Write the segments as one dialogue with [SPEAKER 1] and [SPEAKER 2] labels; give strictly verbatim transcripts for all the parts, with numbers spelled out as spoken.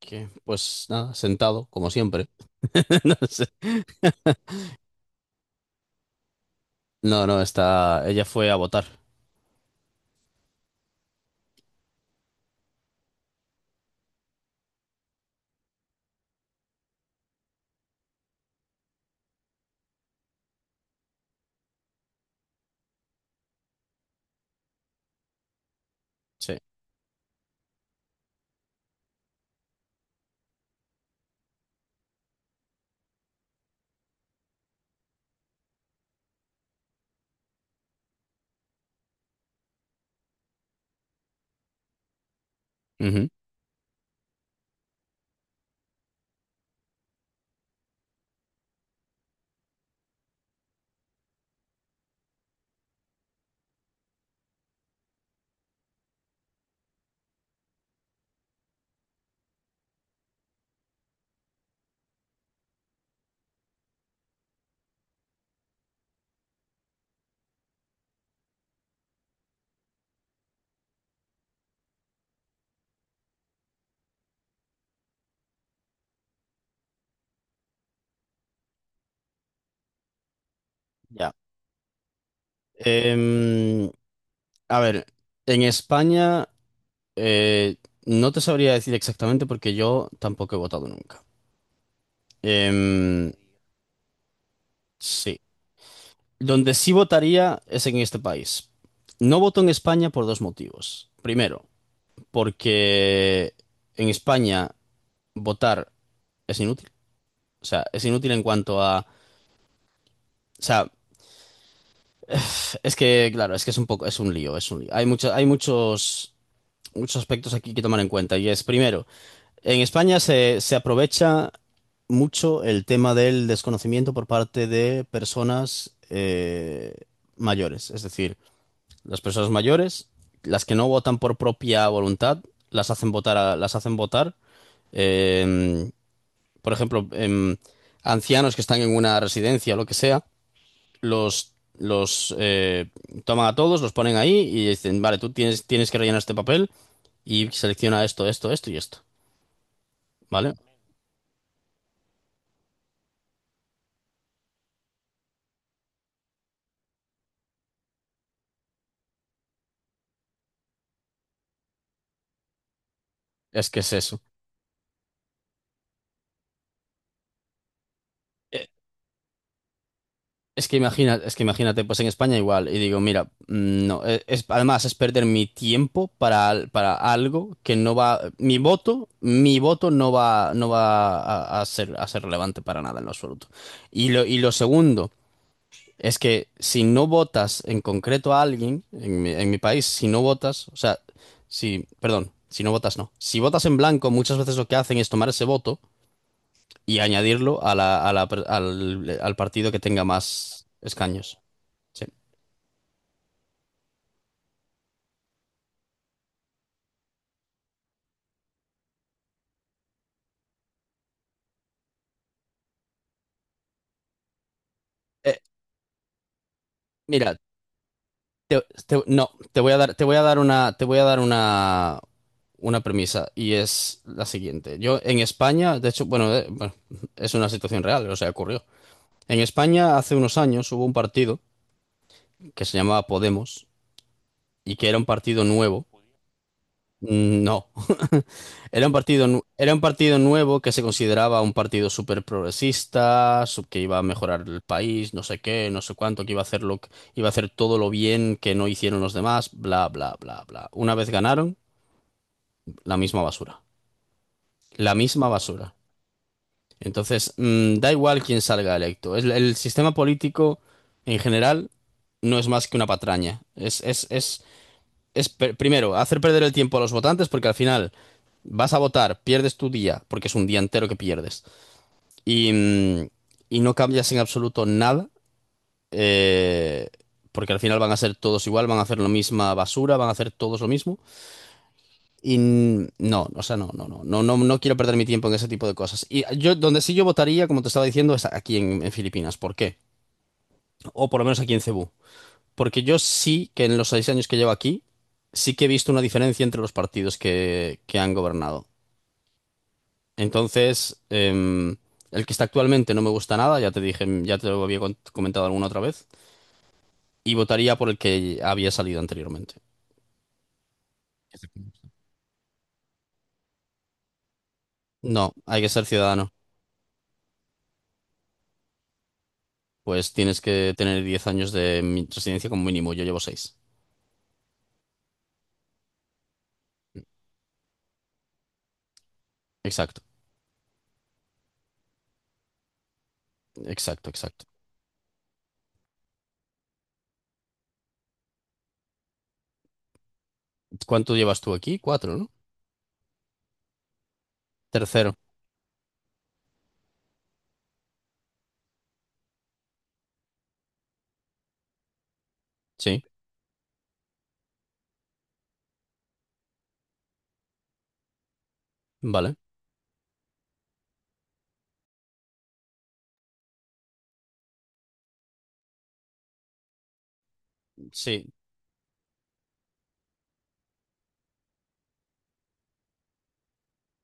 [SPEAKER 1] Que, pues nada, sentado, como siempre. No sé. No, no, está. Ella fue a votar. Sí. Ujú. Ya. Em, a ver, en España eh, no te sabría decir exactamente porque yo tampoco he votado nunca. Em, sí. Donde sí votaría es en este país. No voto en España por dos motivos. Primero, porque en España votar es inútil. O sea, es inútil en cuanto a. O sea, es que, claro, es que es un poco, es un lío, es un lío. Hay mucho- hay muchos, muchos aspectos aquí que tomar en cuenta. Y es, primero, en España se, se aprovecha mucho el tema del desconocimiento por parte de personas eh, mayores. Es decir, las personas mayores, las que no votan por propia voluntad, las hacen votar, a- las hacen votar. eh, por ejemplo, em, ancianos que están en una residencia o lo que sea los, los eh, toman a todos, los ponen ahí y dicen, vale, tú tienes, tienes que rellenar este papel y selecciona esto, esto, esto y esto, ¿vale? Es que es eso. Eh, Es que imagina, es que Imagínate, pues en España igual, y digo, mira, mm, no, eh, es, además es perder mi tiempo para, al- para algo que no va, mi voto, mi voto no va, no va a, a ser, a ser relevante para nada en lo absoluto. Y lo, y lo segundo. Es que si no votas en concreto a alguien, en mi, en mi país, si no votas, o sea, si, perdón, si no votas, no. Si votas en blanco, muchas veces lo que hacen es tomar ese voto y añadirlo a la, a la per- al, al partido que tenga más escaños. Sí. Eh, Mira, te- te- no, te voy a dar, te voy a dar una, te voy a dar una, una premisa y es la siguiente. Yo en España, de hecho, bueno, eh, bueno, es una situación real, o sea, ocurrió. En España hace unos años hubo un partido que se llamaba Podemos y que era un partido nuevo. Mm, no. Era un partido, nu- era un partido nuevo que se consideraba un partido súper progresista, sub- que iba a mejorar el país, no sé qué, no sé cuánto, que iba a hacer lo, que- iba a hacer todo lo bien que no hicieron los demás, bla, bla, bla, bla. Una vez ganaron, la misma basura, la misma basura. Entonces, mm, da igual quién salga electo. Es- el sistema político en general no es más que una patraña. Es, es, es es per- primero, hacer perder el tiempo a los votantes porque al final vas a votar, pierdes tu día, porque es un día entero que pierdes, y, mm, y no cambias en absoluto nada, eh, porque al final van a ser todos igual, van a hacer la misma basura, van a hacer todos lo mismo, y mm, no, o sea, no, no, no, no, no, no quiero perder mi tiempo en ese tipo de cosas. Y yo, donde sí yo votaría, como te estaba diciendo, es aquí en, en Filipinas, ¿por qué? O por lo menos aquí en Cebú. Porque yo sí que en los seis años que llevo aquí, sí que he visto una diferencia entre los partidos que, que han gobernado. Entonces, em, el que está actualmente no me gusta nada, ya te dije, ya te lo había con- comentado alguna otra vez, y votaría por el que había salido anteriormente. No, hay que ser ciudadano. Pues tienes que tener diez años de mi- residencia como mínimo. Yo llevo seis. Exacto, exacto, exacto. ¿Cuánto llevas tú aquí? Cuatro, ¿no? Tercero. Sí, vale. Sí.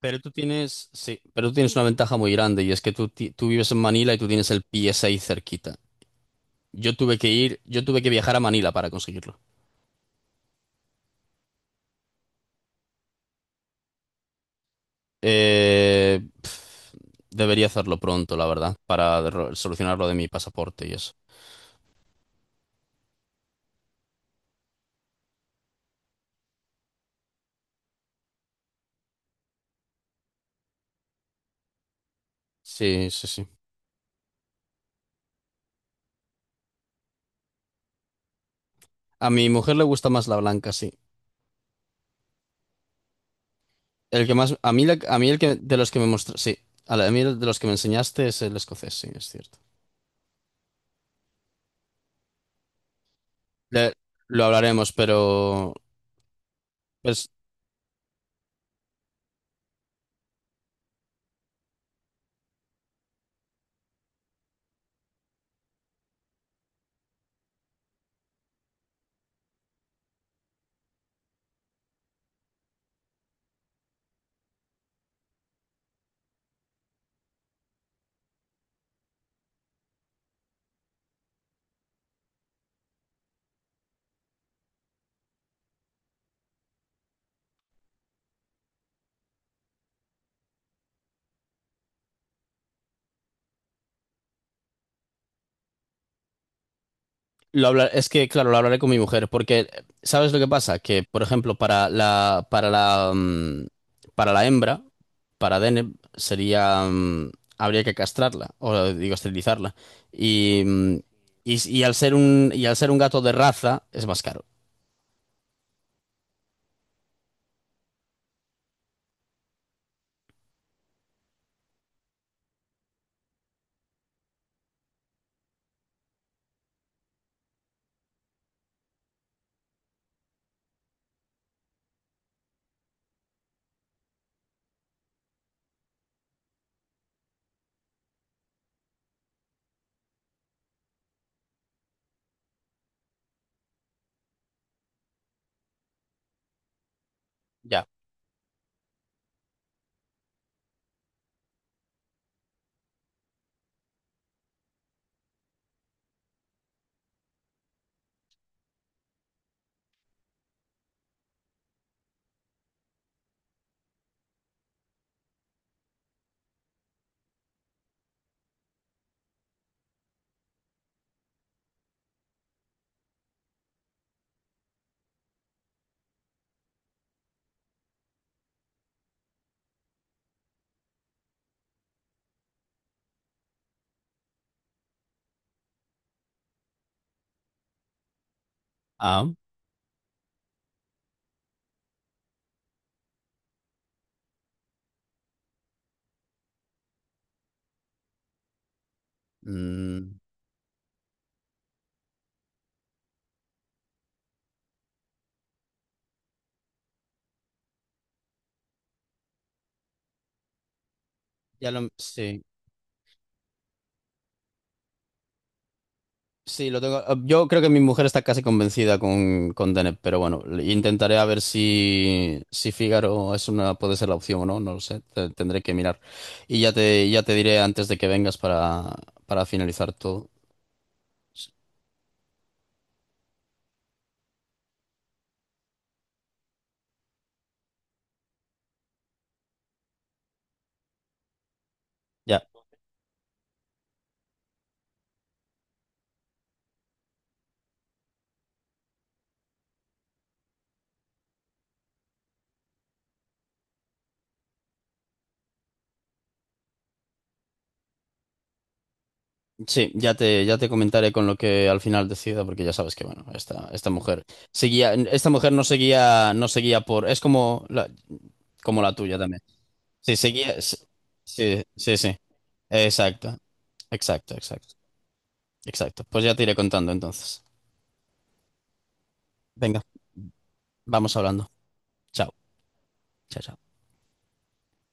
[SPEAKER 1] Pero tú tienes, sí, pero tú tienes una ventaja muy grande y es que tú, ti- tú vives en Manila y tú tienes el P S A ahí cerquita. Yo tuve que ir, yo tuve que viajar a Manila para conseguirlo. Eh, pf, Debería hacerlo pronto, la verdad, para ro- solucionar lo de mi pasaporte y eso. Sí, sí, sí. A mi mujer le gusta más la blanca, sí. El que más, a mí, la- a mí el que de los que me mostraste, sí, a, la- a mí el de los que me enseñaste es el escocés, sí, es cierto. Le- lo hablaremos, pero pues. Lo hablar, es que, claro, lo hablaré con mi mujer, porque eh, ¿sabes lo que pasa? Que, por ejemplo, para la, para la, mm, para la hembra, para Deneb, sería, mm, habría que castrarla, o digo, esterilizarla. Y, mm, y, y al ser un, y al ser un gato de raza, es más caro. Ya. Ah. Mm, ya lo, sí. Sí, lo tengo. Ah, yo creo que mi mujer está casi convencida con, con Dennett, pero bueno, intentaré a ver si, si Fígaro es una, puede ser la opción o no, no lo sé. te- tendré que mirar. Y ya te, ya te diré antes de que vengas para, para finalizar todo. Ya. Sí, ya te, ya te comentaré con lo que al final decida, porque ya sabes que, bueno, esta, esta mujer seguía, esta mujer no seguía, no seguía por, es como la, como la tuya también. Sí, seguía, sí, sí, sí, sí. Exacto, exacto, exacto. Exacto. Pues ya te iré contando entonces. Venga, vamos hablando. Chao. Chao, chao.